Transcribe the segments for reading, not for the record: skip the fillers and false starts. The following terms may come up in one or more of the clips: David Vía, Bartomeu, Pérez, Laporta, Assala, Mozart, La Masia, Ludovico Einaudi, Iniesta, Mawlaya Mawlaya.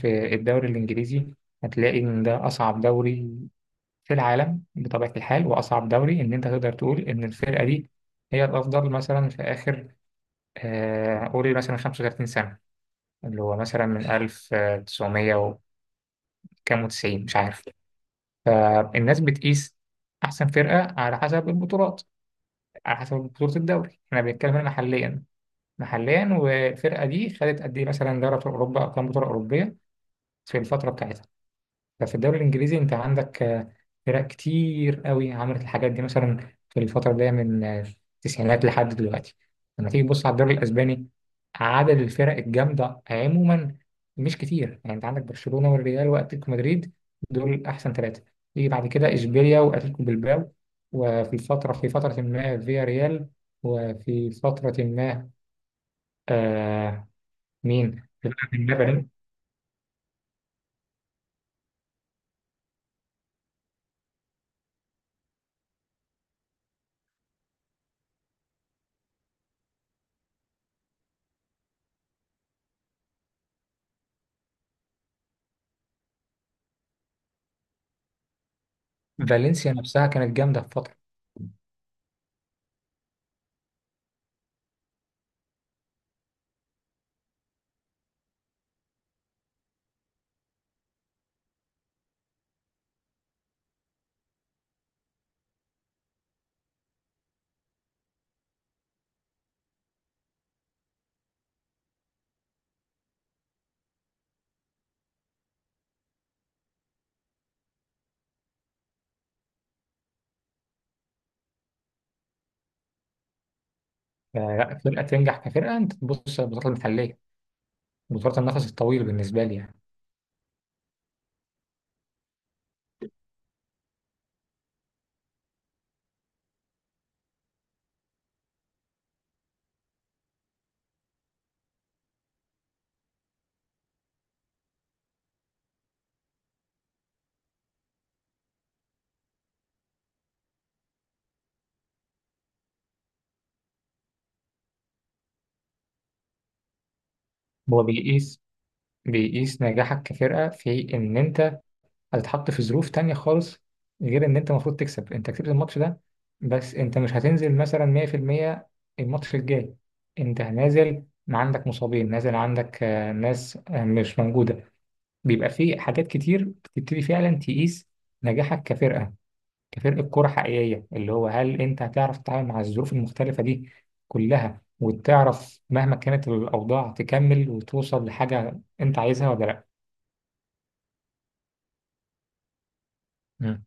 في الدوري الإنجليزي هتلاقي إن ده أصعب دوري في العالم بطبيعة الحال، وأصعب دوري إن أنت تقدر تقول إن الفرقة دي هي الأفضل مثلا في آخر، قول مثلا 35 سنة اللي هو مثلا من 1900 وكام وتسعين، مش عارف. فالناس بتقيس أحسن فرقة على حسب البطولات، على حسب بطولة الدوري. إحنا بنتكلم هنا محليا، محليا. والفرقة دي خدت قد إيه مثلا دوري أبطال أوروبا، أو كام بطولة أوروبية في الفترة بتاعتها. ففي الدوري الإنجليزي أنت عندك فرق كتير قوي عملت الحاجات دي، مثلا في الفترة اللي هي من التسعينات لحد دلوقتي. لما تيجي تبص على الدوري الأسباني، عدد الفرق الجامدة عموما مش كتير، يعني أنت عندك برشلونة والريال وأتلتيكو مدريد، دول أحسن ثلاثة. تيجي بعد كده إشبيليا وأتلتيكو بلباو، وفي فترة ما فيا ريال، وفي فترة ما، آه، مين؟ في فترة ما فالن- فالنسيا نفسها كانت جامدة في فترة. فلا فرقة تنجح كفرقة. أنت تبص على البطولات المحلية، بطولات النفس الطويل بالنسبة لي يعني. هو بيقيس نجاحك كفرقة في إن أنت هتتحط في ظروف تانية خالص، غير إن أنت المفروض تكسب. أنت كسبت الماتش ده، بس أنت مش هتنزل مثلا 100% الماتش الجاي. أنت نازل ما عندك مصابين، نازل عندك ناس مش موجودة. بيبقى في حاجات كتير بتبتدي فعلا تقيس نجاحك كفرقة، كفرقة كورة حقيقية، اللي هو هل أنت هتعرف تتعامل مع الظروف المختلفة دي كلها، وتعرف مهما كانت الأوضاع تكمل وتوصل لحاجة أنت عايزها ولا لأ؟ مم.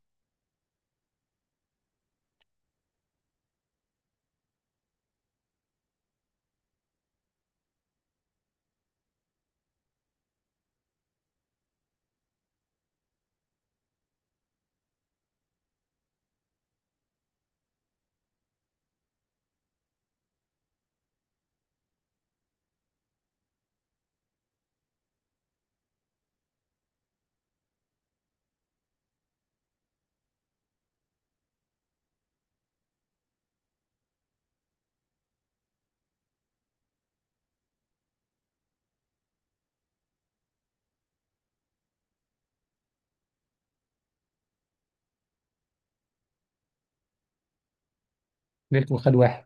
ليلته خد واحد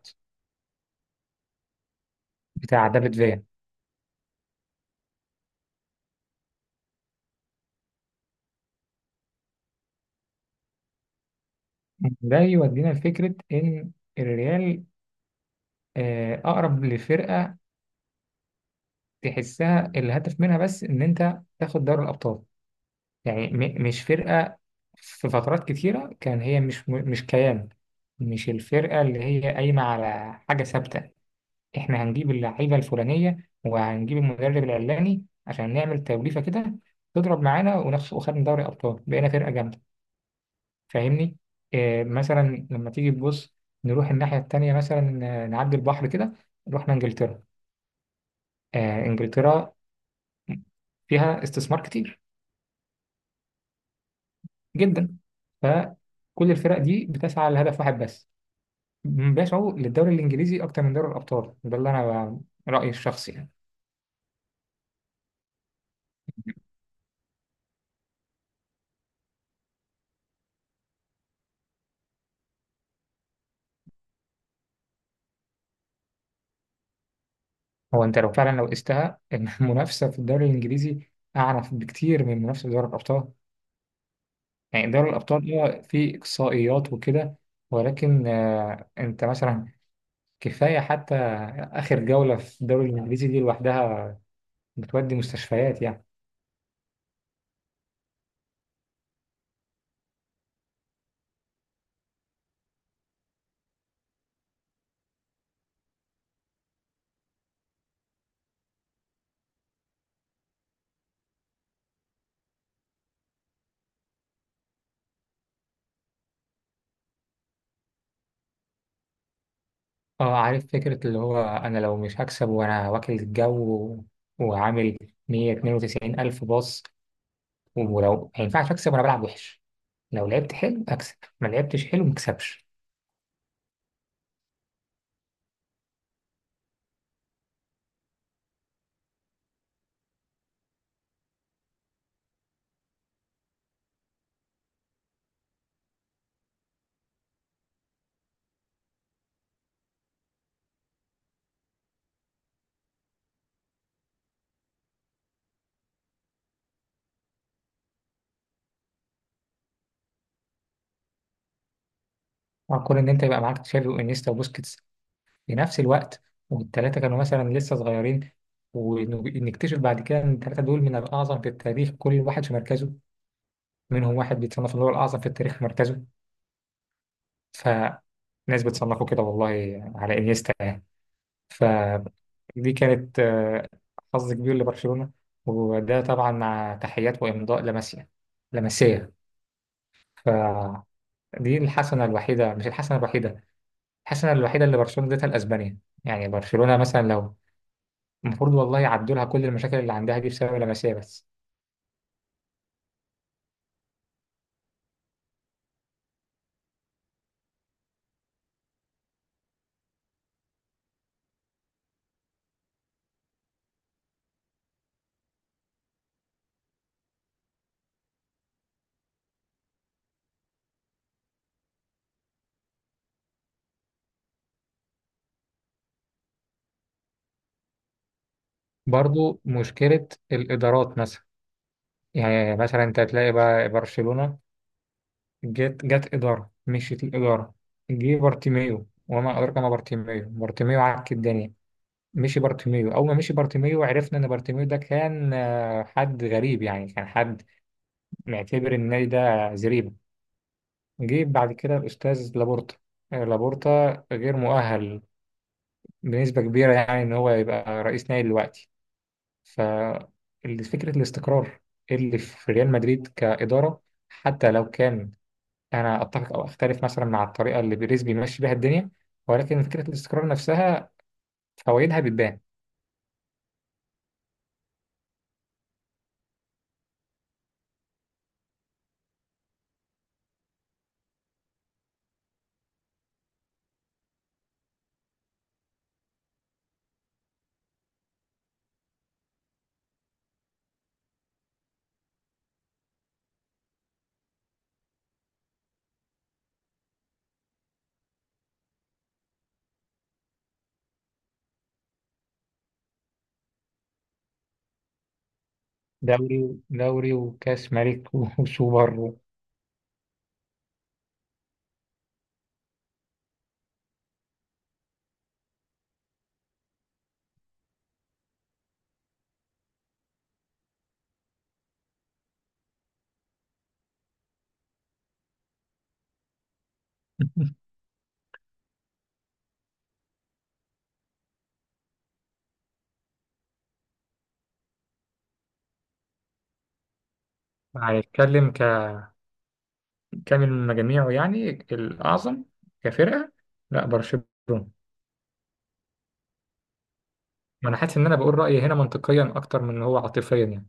بتاع دافيد فيا. ده يودينا لفكرة إن الريال أقرب لفرقة تحسها الهدف منها بس إن أنت تاخد دوري الأبطال. يعني مش فرقة، في فترات كتيرة كان هي مش كيان، مش الفرقة اللي هي قايمة على حاجة ثابتة. احنا هنجيب اللعيبه الفلانيه وهنجيب المدرب العلاني عشان نعمل توليفه كده تضرب معانا ونخش وخدنا دوري ابطال بقينا فرقه جامده، فاهمني؟ إيه مثلا لما تيجي تبص، نروح الناحيه التانيه مثلا، نعدي البحر كده، رحنا انجلترا. آه، انجلترا فيها استثمار كتير جدا. فكل الفرق دي بتسعى لهدف واحد بس، بيسعوا للدوري الانجليزي اكتر من دوري الابطال. ده اللي انا رايي الشخصي يعني. هو انت لو فعلا لو قستها إن المنافسه في الدوري الانجليزي اعنف بكتير من المنافسه في دوري الابطال. يعني دوري الابطال هو فيه اقصائيات وكده، ولكن انت مثلا كفايه حتى اخر جوله في الدوري الانجليزي دي لوحدها بتودي مستشفيات يعني. اه، عارف فكره اللي هو انا لو مش هكسب وانا واكل الجو وعامل 192 الف باص، ولو ما ينفعش اكسب وانا بلعب وحش، لو لعبت حلو اكسب، ما لعبتش حلو ما اكسبش. اه، كون ان انت يبقى معاك تشافي وانيستا وبوسكيتس في نفس الوقت، والثلاثه كانوا مثلا لسه صغيرين، ونكتشف بعد كده ان الثلاثه دول من الاعظم في التاريخ كل واحد في مركزه. منهم واحد بيتصنف ان هو الاعظم في التاريخ في مركزه، فناس بتصنفه كده والله على انيستا يعني. فدي كانت حظ كبير لبرشلونه، وده طبعا مع تحيات وامضاء لاماسيا، لاماسيا. فدي الحسنه الوحيده، مش الحسنه الوحيده, الحسنه الوحيده اللي برشلونه اديتها لاسبانيا. يعني برشلونة مثلا، لو المفروض والله يعدوا لها كل المشاكل اللي عندها دي بسبب اللمسيه بس. برضو مشكله الادارات مثلا، يعني مثلا انت تلاقي بقى برشلونه جت اداره، مشيت الاداره، جه بارتيميو وما ادراك ما بارتيميو. بارتيميو عك الدنيا، مشي بارتيميو. اول ما مشي بارتيميو عرفنا ان بارتيميو ده كان حد غريب، يعني كان حد معتبر النادي ده زريبه. جه بعد كده الاستاذ لابورتا. لابورتا غير مؤهل بنسبه كبيره يعني ان هو يبقى رئيس نادي دلوقتي. ففكرة الاستقرار اللي في ريال مدريد كإدارة، حتى لو كان أنا أتفق أو أختلف مثلا مع الطريقة اللي بيريز بيمشي بيها الدنيا، ولكن فكرة الاستقرار نفسها فوائدها بتبان. دوري وكأس ملك وسوبر و... هنتكلم ككامل مجاميعه، يعني الأعظم كفرقة، لا برشلونة. ما أنا حاسس إن أنا بقول رأيي هنا منطقيا أكتر من إن هو عاطفيا يعني.